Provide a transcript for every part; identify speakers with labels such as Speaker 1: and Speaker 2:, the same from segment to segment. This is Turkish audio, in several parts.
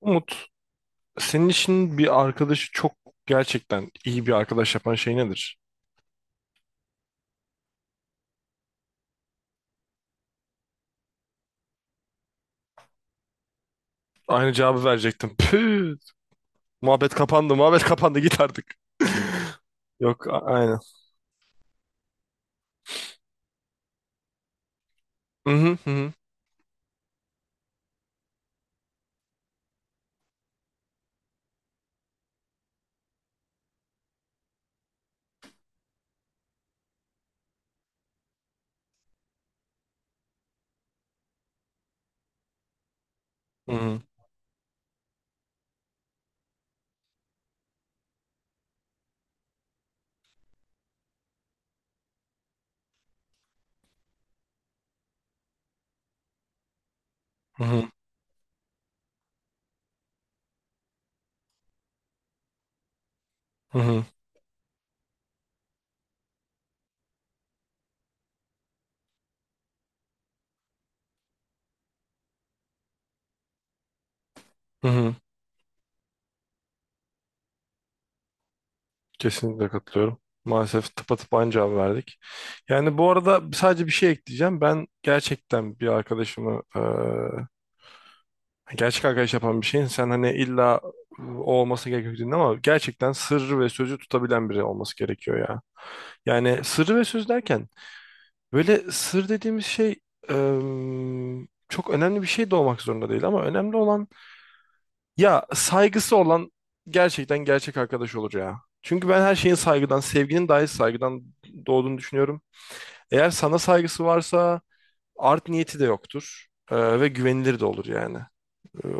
Speaker 1: Umut, senin için bir arkadaşı çok gerçekten iyi bir arkadaş yapan şey nedir? Aynı cevabı verecektim. Püh, muhabbet kapandı, muhabbet kapandı git artık. Yok, aynen. Hı hı hı hı hı hı hı hı hı hı. Kesinlikle katılıyorum. Maalesef tıpatıp aynı cevabı verdik. Yani bu arada sadece bir şey ekleyeceğim. Ben gerçekten bir arkadaşımı gerçek arkadaş yapan bir şeyin sen hani illa o olması gerekiyor dedin ama gerçekten sır ve sözü tutabilen biri olması gerekiyor ya. Yani sır ve söz derken böyle sır dediğimiz şey çok önemli bir şey de olmak zorunda değil ama önemli olan ya saygısı olan gerçekten gerçek arkadaş olur ya. Çünkü ben her şeyin saygıdan, sevginin dahi saygıdan doğduğunu düşünüyorum. Eğer sana saygısı varsa art niyeti de yoktur ve güvenilir de olur yani.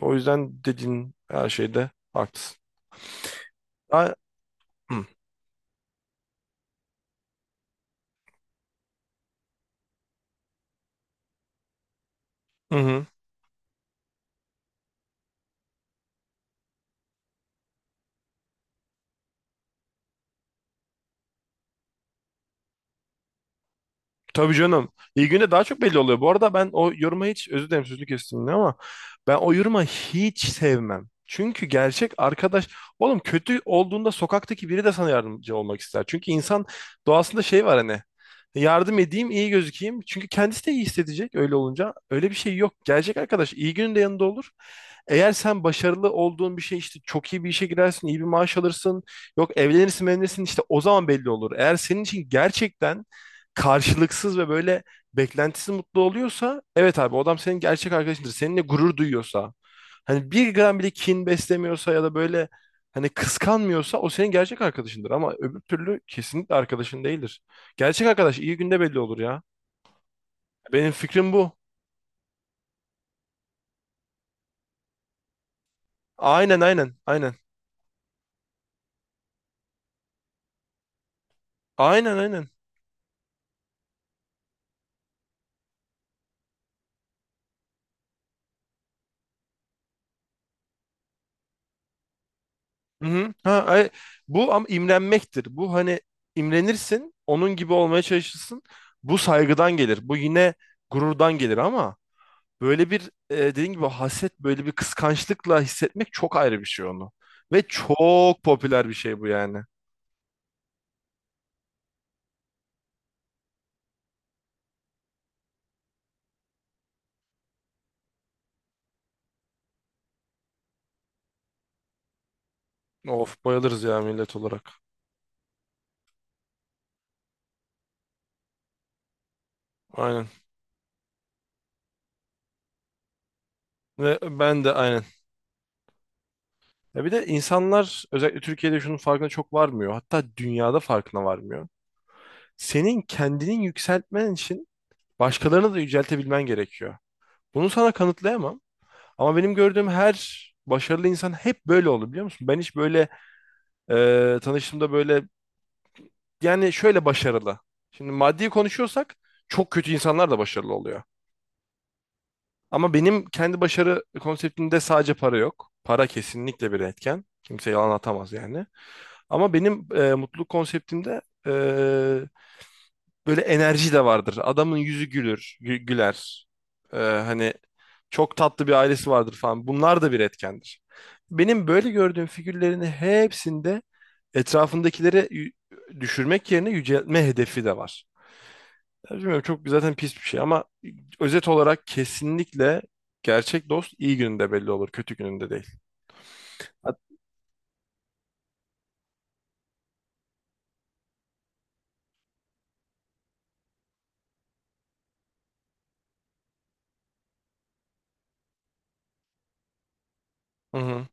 Speaker 1: O yüzden dediğin her şeyde haklısın. Ha- Hı hı. Hı. Tabii canım. İyi günde daha çok belli oluyor. Bu arada ben o yoruma hiç, özür dilerim sözünü kestim yine ama ben o yoruma hiç sevmem. Çünkü gerçek arkadaş, oğlum, kötü olduğunda sokaktaki biri de sana yardımcı olmak ister. Çünkü insan doğasında şey var hani, yardım edeyim iyi gözükeyim. Çünkü kendisi de iyi hissedecek öyle olunca. Öyle bir şey yok. Gerçek arkadaş iyi günün de yanında olur. Eğer sen başarılı olduğun bir şey, işte çok iyi bir işe girersin, iyi bir maaş alırsın. Yok, evlenirsin, evlenirsin, işte o zaman belli olur. Eğer senin için gerçekten karşılıksız ve böyle beklentisiz mutlu oluyorsa, evet abi, o adam senin gerçek arkadaşındır. Seninle gurur duyuyorsa, hani bir gram bile kin beslemiyorsa ya da böyle hani kıskanmıyorsa o senin gerçek arkadaşındır ama öbür türlü kesinlikle arkadaşın değildir. Gerçek arkadaş iyi günde belli olur ya. Benim fikrim bu. Aynen aynen aynen. Aynen aynen. Hı hı. Ha, bu ama imrenmektir. Bu hani imrenirsin, onun gibi olmaya çalışırsın. Bu saygıdan gelir. Bu yine gururdan gelir ama böyle bir, dediğin gibi haset, böyle bir kıskançlıkla hissetmek çok ayrı bir şey onu. Ve çok popüler bir şey bu yani. Of, bayılırız ya millet olarak. Aynen. Ve ben de aynen. Ya bir de insanlar özellikle Türkiye'de şunun farkına çok varmıyor. Hatta dünyada farkına varmıyor. Senin kendini yükseltmen için başkalarını da yüceltebilmen gerekiyor. Bunu sana kanıtlayamam. Ama benim gördüğüm her başarılı insan hep böyle oldu, biliyor musun? Ben hiç böyle, tanıştığımda böyle, yani şöyle başarılı. Şimdi maddi konuşuyorsak çok kötü insanlar da başarılı oluyor. Ama benim kendi başarı konseptimde sadece para yok. Para kesinlikle bir etken. Kimse yalan atamaz yani. Ama benim mutluluk konseptimde e, böyle enerji de vardır. Adamın yüzü gülür, güler. Hani çok tatlı bir ailesi vardır falan. Bunlar da bir etkendir. Benim böyle gördüğüm figürlerin hepsinde etrafındakileri düşürmek yerine yüceltme hedefi de var. Ya bilmiyorum, çok zaten pis bir şey ama özet olarak kesinlikle gerçek dost iyi gününde belli olur, kötü gününde değil. Hat- Hı hı,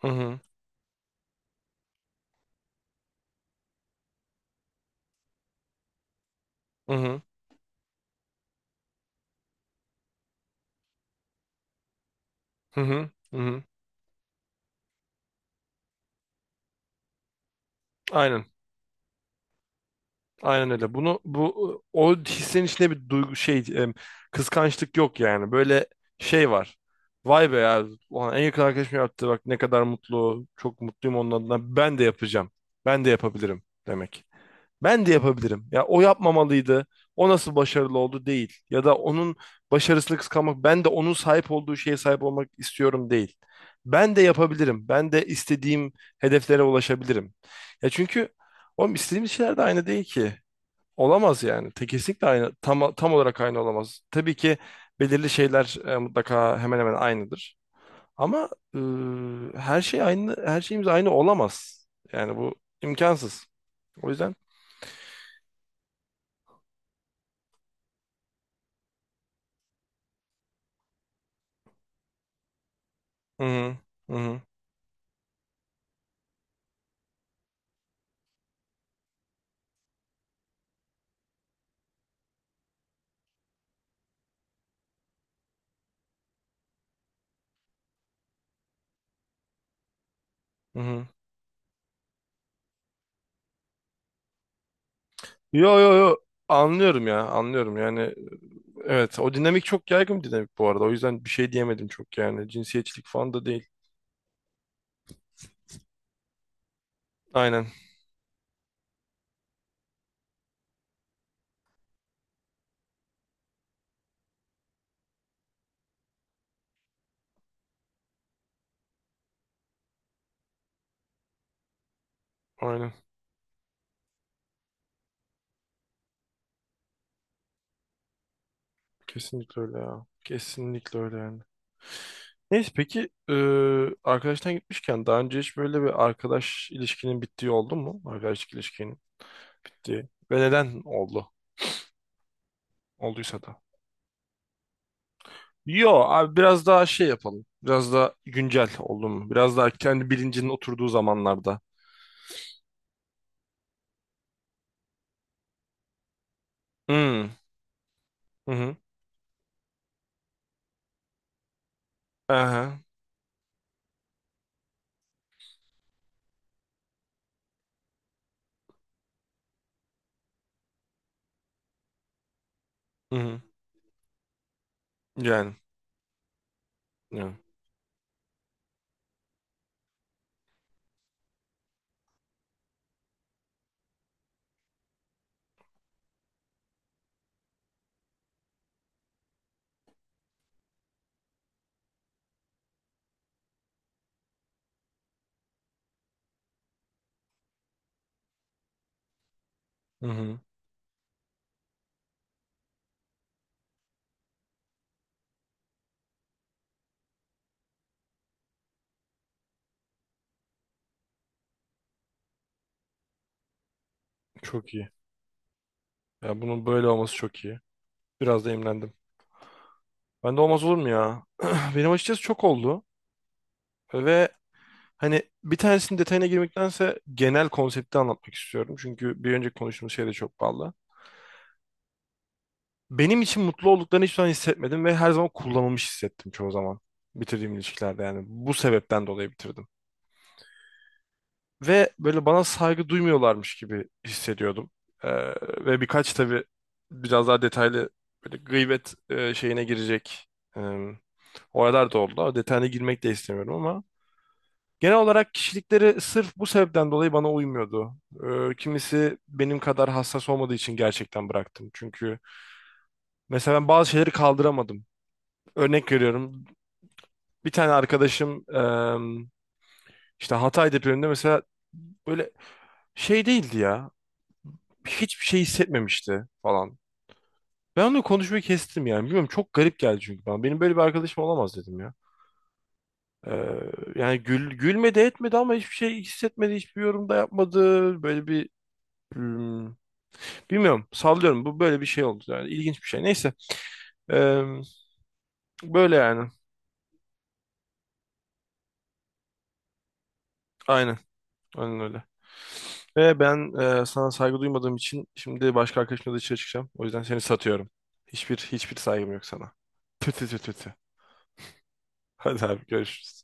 Speaker 1: hı hı, hı hı, hı hı, hı hı. Aynen, aynen öyle. Bunu bu o hissenin içinde bir duygu şey kıskançlık yok yani. Böyle şey var. Vay be ya, ulan en yakın arkadaşım yaptı. Bak ne kadar mutlu, çok mutluyum onun adına. Ben de yapacağım. Ben de yapabilirim demek. Ben de yapabilirim. Ya o yapmamalıydı. O nasıl başarılı oldu değil. Ya da onun başarısını kıskanmak, ben de onun sahip olduğu şeye sahip olmak istiyorum değil. Ben de yapabilirim. Ben de istediğim hedeflere ulaşabilirim. Ya çünkü oğlum istediğimiz şeyler de aynı değil ki. Olamaz yani. Te kesinlikle aynı, tam, tam olarak aynı olamaz. Tabii ki belirli şeyler mutlaka hemen hemen aynıdır. Ama e, her şey aynı, her şeyimiz aynı olamaz. Yani bu imkansız. O yüzden hı hı, hı hı, hı hı. Yo yo yo, anlıyorum ya, anlıyorum yani. Evet, o dinamik çok yaygın bir dinamik bu arada, o yüzden bir şey diyemedim çok, yani cinsiyetçilik falan da değil. Aynen aynen, kesinlikle öyle ya, kesinlikle öyle yani. Neyse, peki arkadaştan gitmişken daha önce hiç böyle bir arkadaş ilişkinin bittiği oldu mu? Arkadaşlık ilişkinin bittiği ve neden oldu? Olduysa da. Yo abi, biraz daha şey yapalım, biraz daha güncel oldu mu? Biraz daha kendi bilincinin oturduğu zamanlarda. Hmm. Hı hı. Aha. Hı hı. Yani. Yani. Hı hı. Çok iyi. Ya bunun böyle olması çok iyi. Biraz da imlendim. Ben de olmaz olur mu ya? Benim açıkçası çok oldu. Ve hani bir tanesinin detayına girmektense genel konsepti anlatmak istiyorum. Çünkü bir önceki konuştuğumuz şey de çok bağlı. Benim için mutlu olduklarını hiçbir zaman hissetmedim ve her zaman kullanılmış hissettim çoğu zaman. Bitirdiğim ilişkilerde yani. Bu sebepten dolayı bitirdim. Ve böyle bana saygı duymuyorlarmış gibi hissediyordum. Ee, ve birkaç tabii biraz daha detaylı böyle gıybet şeyine girecek e, olaylar da oldu. O detayına girmek de istemiyorum ama genel olarak kişilikleri sırf bu sebepten dolayı bana uymuyordu. Kimisi benim kadar hassas olmadığı için gerçekten bıraktım. Çünkü mesela ben bazı şeyleri kaldıramadım. Örnek veriyorum. Bir tane arkadaşım işte Hatay depreminde mesela böyle şey değildi ya. Hiçbir şey hissetmemişti falan. Ben onunla konuşmayı kestim yani. Bilmiyorum, çok garip geldi çünkü bana. Benim böyle bir arkadaşım olamaz dedim ya. Ee, yani gülmedi etmedi ama hiçbir şey hissetmedi. Hiçbir yorum da yapmadı. Böyle bir hmm, bilmiyorum, sallıyorum. Bu böyle bir şey oldu yani. İlginç bir şey. Neyse. Ee, böyle yani. Aynen. Aynen öyle. Ve ben sana saygı duymadığım için şimdi başka arkadaşımla dışarı çıkacağım. O yüzden seni satıyorum. Hiçbir saygım yok sana. Tü tü tü tü tü. Hadi abi, görüşürüz.